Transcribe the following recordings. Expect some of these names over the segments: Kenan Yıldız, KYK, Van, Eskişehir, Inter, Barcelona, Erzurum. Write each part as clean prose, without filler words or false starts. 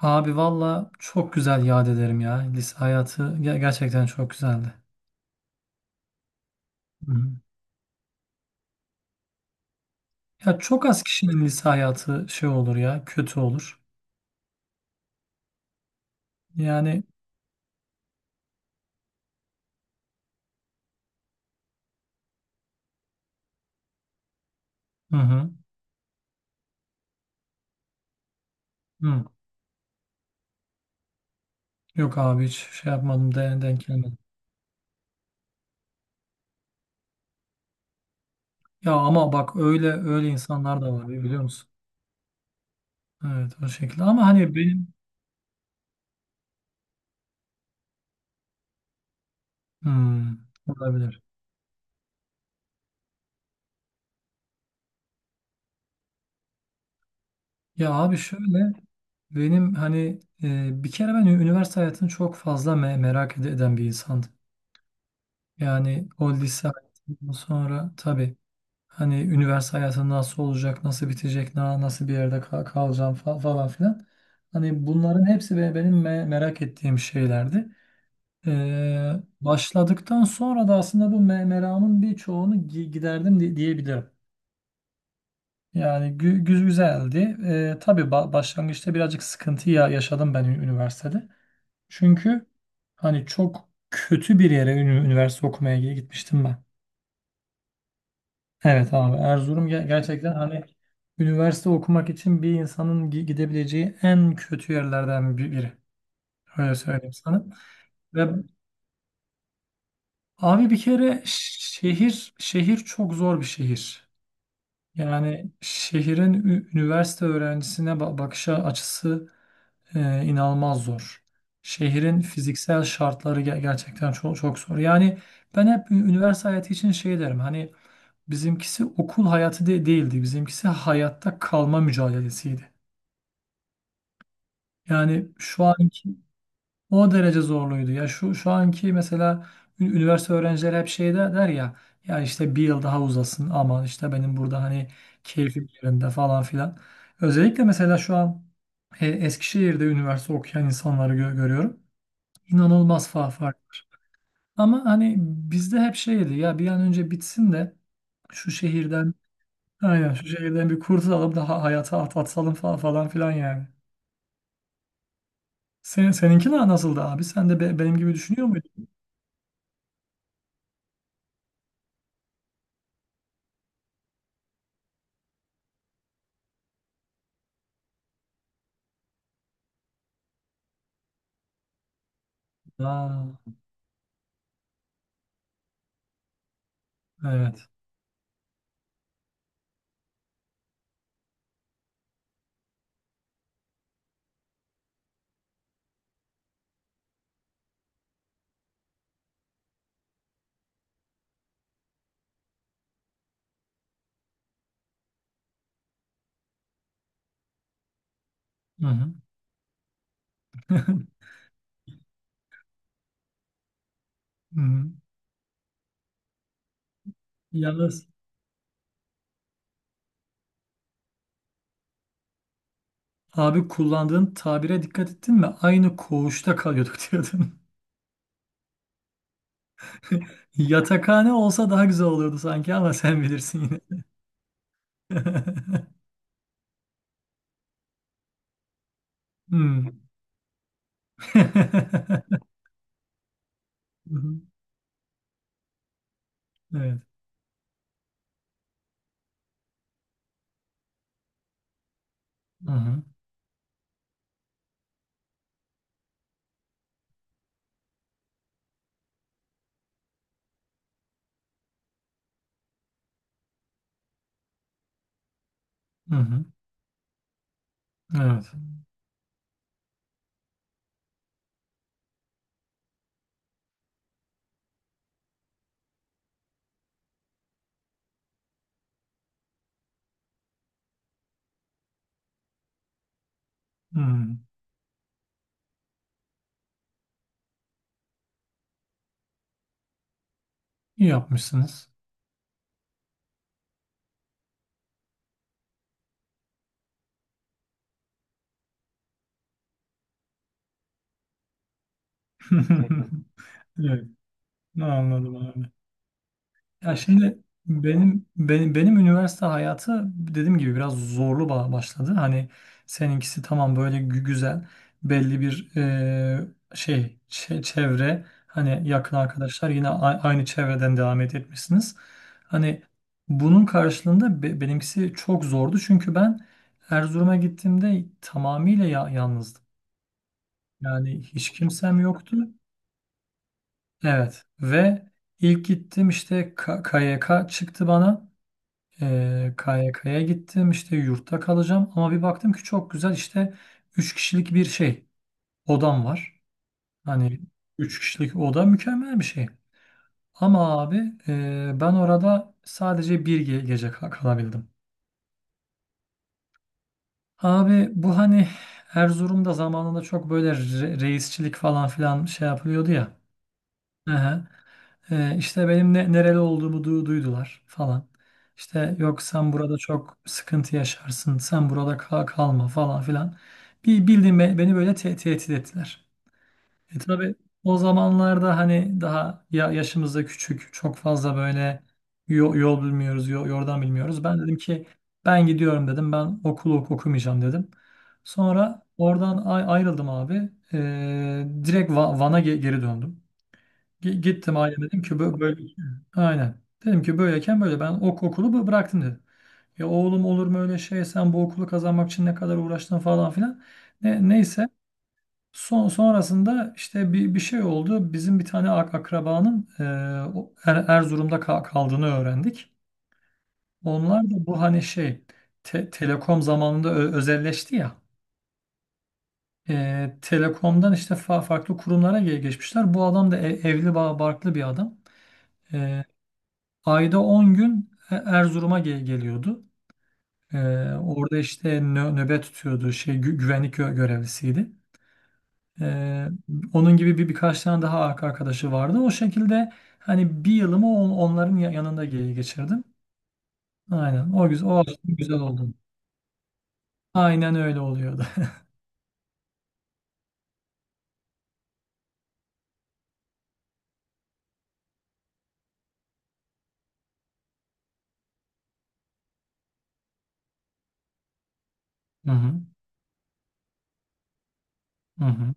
Abi valla çok güzel yad ederim ya. Lise hayatı gerçekten çok güzeldi. Hı hı. Ya çok az kişinin lise hayatı şey olur ya, kötü olur. Yani. Hı hı. Hı. Yok abi hiç şey yapmadım, denk gelmedim. Ya ama bak öyle öyle insanlar da var biliyor musun? Evet o şekilde ama hani benim. Hmm. Olabilir. Ya abi şöyle benim hani bir kere ben üniversite hayatını çok fazla merak eden bir insandım. Yani o lise hayatından sonra tabii. Hani üniversite hayatı nasıl olacak, nasıl bitecek, nasıl bir yerde kalacağım falan filan. Hani bunların hepsi benim merak ettiğim şeylerdi. Ee, Başladıktan sonra da aslında bu meramın birçoğunu giderdim diyebilirim. Yani güzeldi. Tabii başlangıçta birazcık sıkıntı yaşadım ben üniversitede. Çünkü hani çok kötü bir yere üniversite okumaya gitmiştim ben. Evet abi Erzurum gerçekten hani üniversite okumak için bir insanın gidebileceği en kötü yerlerden biri. Öyle söyleyeyim sana. Ve abi bir kere şehir çok zor bir şehir. Yani şehrin üniversite öğrencisine bakış açısı inanılmaz zor. Şehrin fiziksel şartları gerçekten çok çok zor. Yani ben hep üniversite hayatı için şey derim. Hani bizimkisi okul hayatı değildi. Bizimkisi hayatta kalma mücadelesiydi. Yani şu anki o derece zorluydu. Ya şu anki mesela üniversite öğrencileri hep şey der ya ya işte bir yıl daha uzasın ama işte benim burada hani keyfim yerinde falan filan. Özellikle mesela şu an Eskişehir'de üniversite okuyan insanları görüyorum. İnanılmaz fark var. Ama hani bizde hep şeydi ya bir an önce bitsin de şu şehirden. Aynen şu şehirden bir kurtulalım daha hayata atsalım falan, falan filan yani. Seninki nasıldı abi? Sen de benim gibi düşünüyor muydun? Aa, evet. Hı hı. Hı hı. Yalnız abi kullandığın tabire dikkat ettin mi? Aynı koğuşta kalıyorduk diyordun. Yatakhane olsa daha güzel olurdu sanki ama sen bilirsin yine. Hmm. Hı hı. Evet. Hı hı. Hı hı. Evet. Hı. İyi yapmışsınız. Evet. Anladım abi. Ya şimdi benim üniversite hayatı dediğim gibi biraz zorlu başladı. Hani seninkisi tamam böyle güzel belli bir şey çevre hani yakın arkadaşlar yine aynı çevreden devam etmişsiniz. Hani bunun karşılığında benimkisi çok zordu çünkü ben Erzurum'a gittiğimde tamamıyla yalnızdım. Yani hiç kimsem yoktu. Evet ve ilk gittim işte KYK çıktı bana. KYK'ya gittim işte yurtta kalacağım ama bir baktım ki çok güzel işte 3 kişilik bir şey odam var. Hani 3 kişilik oda mükemmel bir şey. Ama abi ben orada sadece bir gece kalabildim. Abi bu hani Erzurum'da zamanında çok böyle reisçilik falan filan şey yapılıyordu ya. Hı hı. İşte benim nereli olduğumu duydular falan. İşte yok sen burada çok sıkıntı yaşarsın, sen burada kalma falan filan. Bir bildiğin beni böyle tehdit ettiler. E tabii o zamanlarda hani daha yaşımız da küçük, çok fazla böyle yol bilmiyoruz, yordan bilmiyoruz. Ben dedim ki ben gidiyorum dedim, ben okulu okumayacağım dedim. Sonra oradan ayrıldım abi. Direkt Van'a geri döndüm. Gittim aileme dedim ki böyle, böyle aynen. Dedim ki böyleyken böyle ben okulu bıraktım dedim. Ya oğlum olur mu öyle şey sen bu okulu kazanmak için ne kadar uğraştın falan filan. Neyse sonrasında işte bir şey oldu. Bizim bir tane akrabanın o Erzurum'da kaldığını öğrendik. Onlar da bu hani şey telekom zamanında özelleşti ya. Telekomdan işte farklı kurumlara geçmişler. Bu adam da evli barklı bir adam. Ayda 10 gün Erzurum'a geliyordu. Ee, Orada işte nöbet tutuyordu. Şey güvenlik görevlisiydi. Ee, Onun gibi birkaç tane daha arkadaşı vardı. O şekilde hani bir yılımı onların yanında geçirdim. Aynen. O güzel, o aslında güzel oldu. Aynen öyle oluyordu. Hı hı. Hı hı.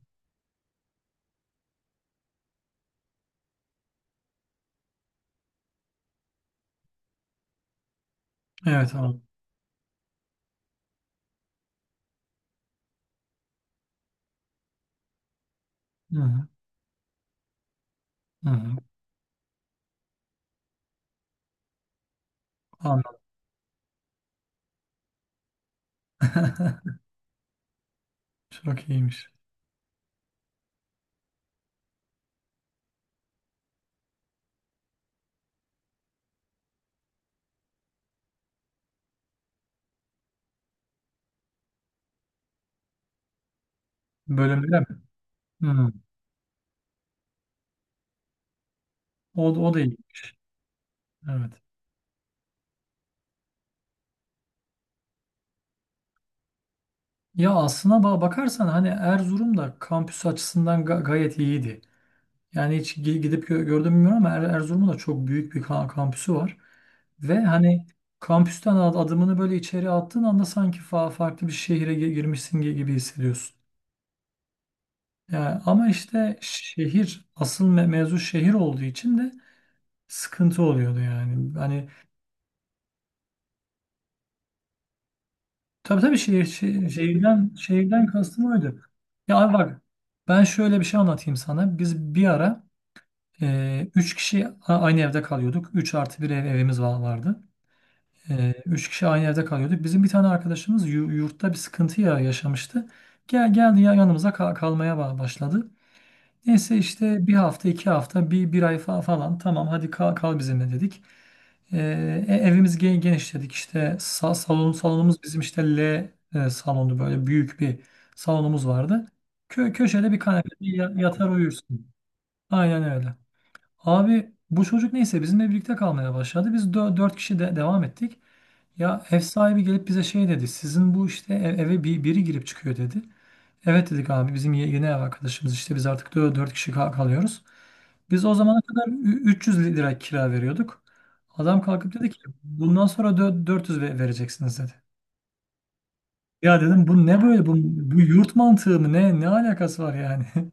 Evet abi. Hı hı. Hı hı. Anladım. Çok iyiymiş. Bölümde mi? Hı. O da iyi. Evet. Ya aslına bakarsan hani Erzurum da kampüs açısından gayet iyiydi. Yani hiç gidip gördüm mü bilmiyorum ama Erzurum'un da çok büyük bir kampüsü var. Ve hani kampüsten adımını böyle içeri attığın anda sanki farklı bir şehire girmişsin gibi hissediyorsun. Yani ama işte şehir asıl mevzu şehir olduğu için de sıkıntı oluyordu yani. Hani tabii tabii şehirden kastım oydu. Ya abi bak ben şöyle bir şey anlatayım sana. Biz bir ara üç kişi aynı evde kalıyorduk. Üç artı bir evimiz vardı. Üç kişi aynı evde kalıyorduk. Bizim bir tane arkadaşımız yurtta bir sıkıntı yaşamıştı. Geldi ya yanımıza kalmaya başladı. Neyse işte bir hafta, 2 hafta, bir ay falan tamam hadi kal, kal bizimle dedik. Evimiz geniş dedik işte salonumuz bizim işte L salondu böyle büyük bir salonumuz vardı. Köşede bir kanepede yatar uyursun. Aynen öyle. Abi bu çocuk neyse bizimle birlikte kalmaya başladı. Biz dört kişi de devam ettik. Ya ev sahibi gelip bize şey dedi. Sizin bu işte eve biri girip çıkıyor dedi. Evet dedik abi bizim yeni ev arkadaşımız işte biz artık dört kişi kalıyoruz. Biz o zamana kadar 300 lira kira veriyorduk. Adam kalkıp dedi ki bundan sonra 400 vereceksiniz dedi. Ya dedim bu ne böyle bu yurt mantığı mı ne alakası var yani?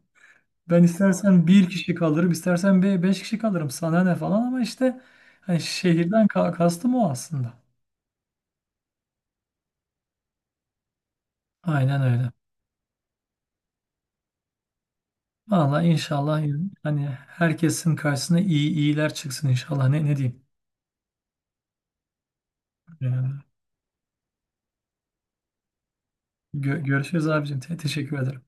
Ben istersen bir kişi kalırım, istersen beş kişi kalırım. Sana ne falan ama işte hani şehirden kastım o aslında. Aynen öyle. Valla inşallah hani herkesin karşısına iyi iyiler çıksın inşallah. Ne diyeyim? Yani görüşürüz abicim. Teşekkür ederim.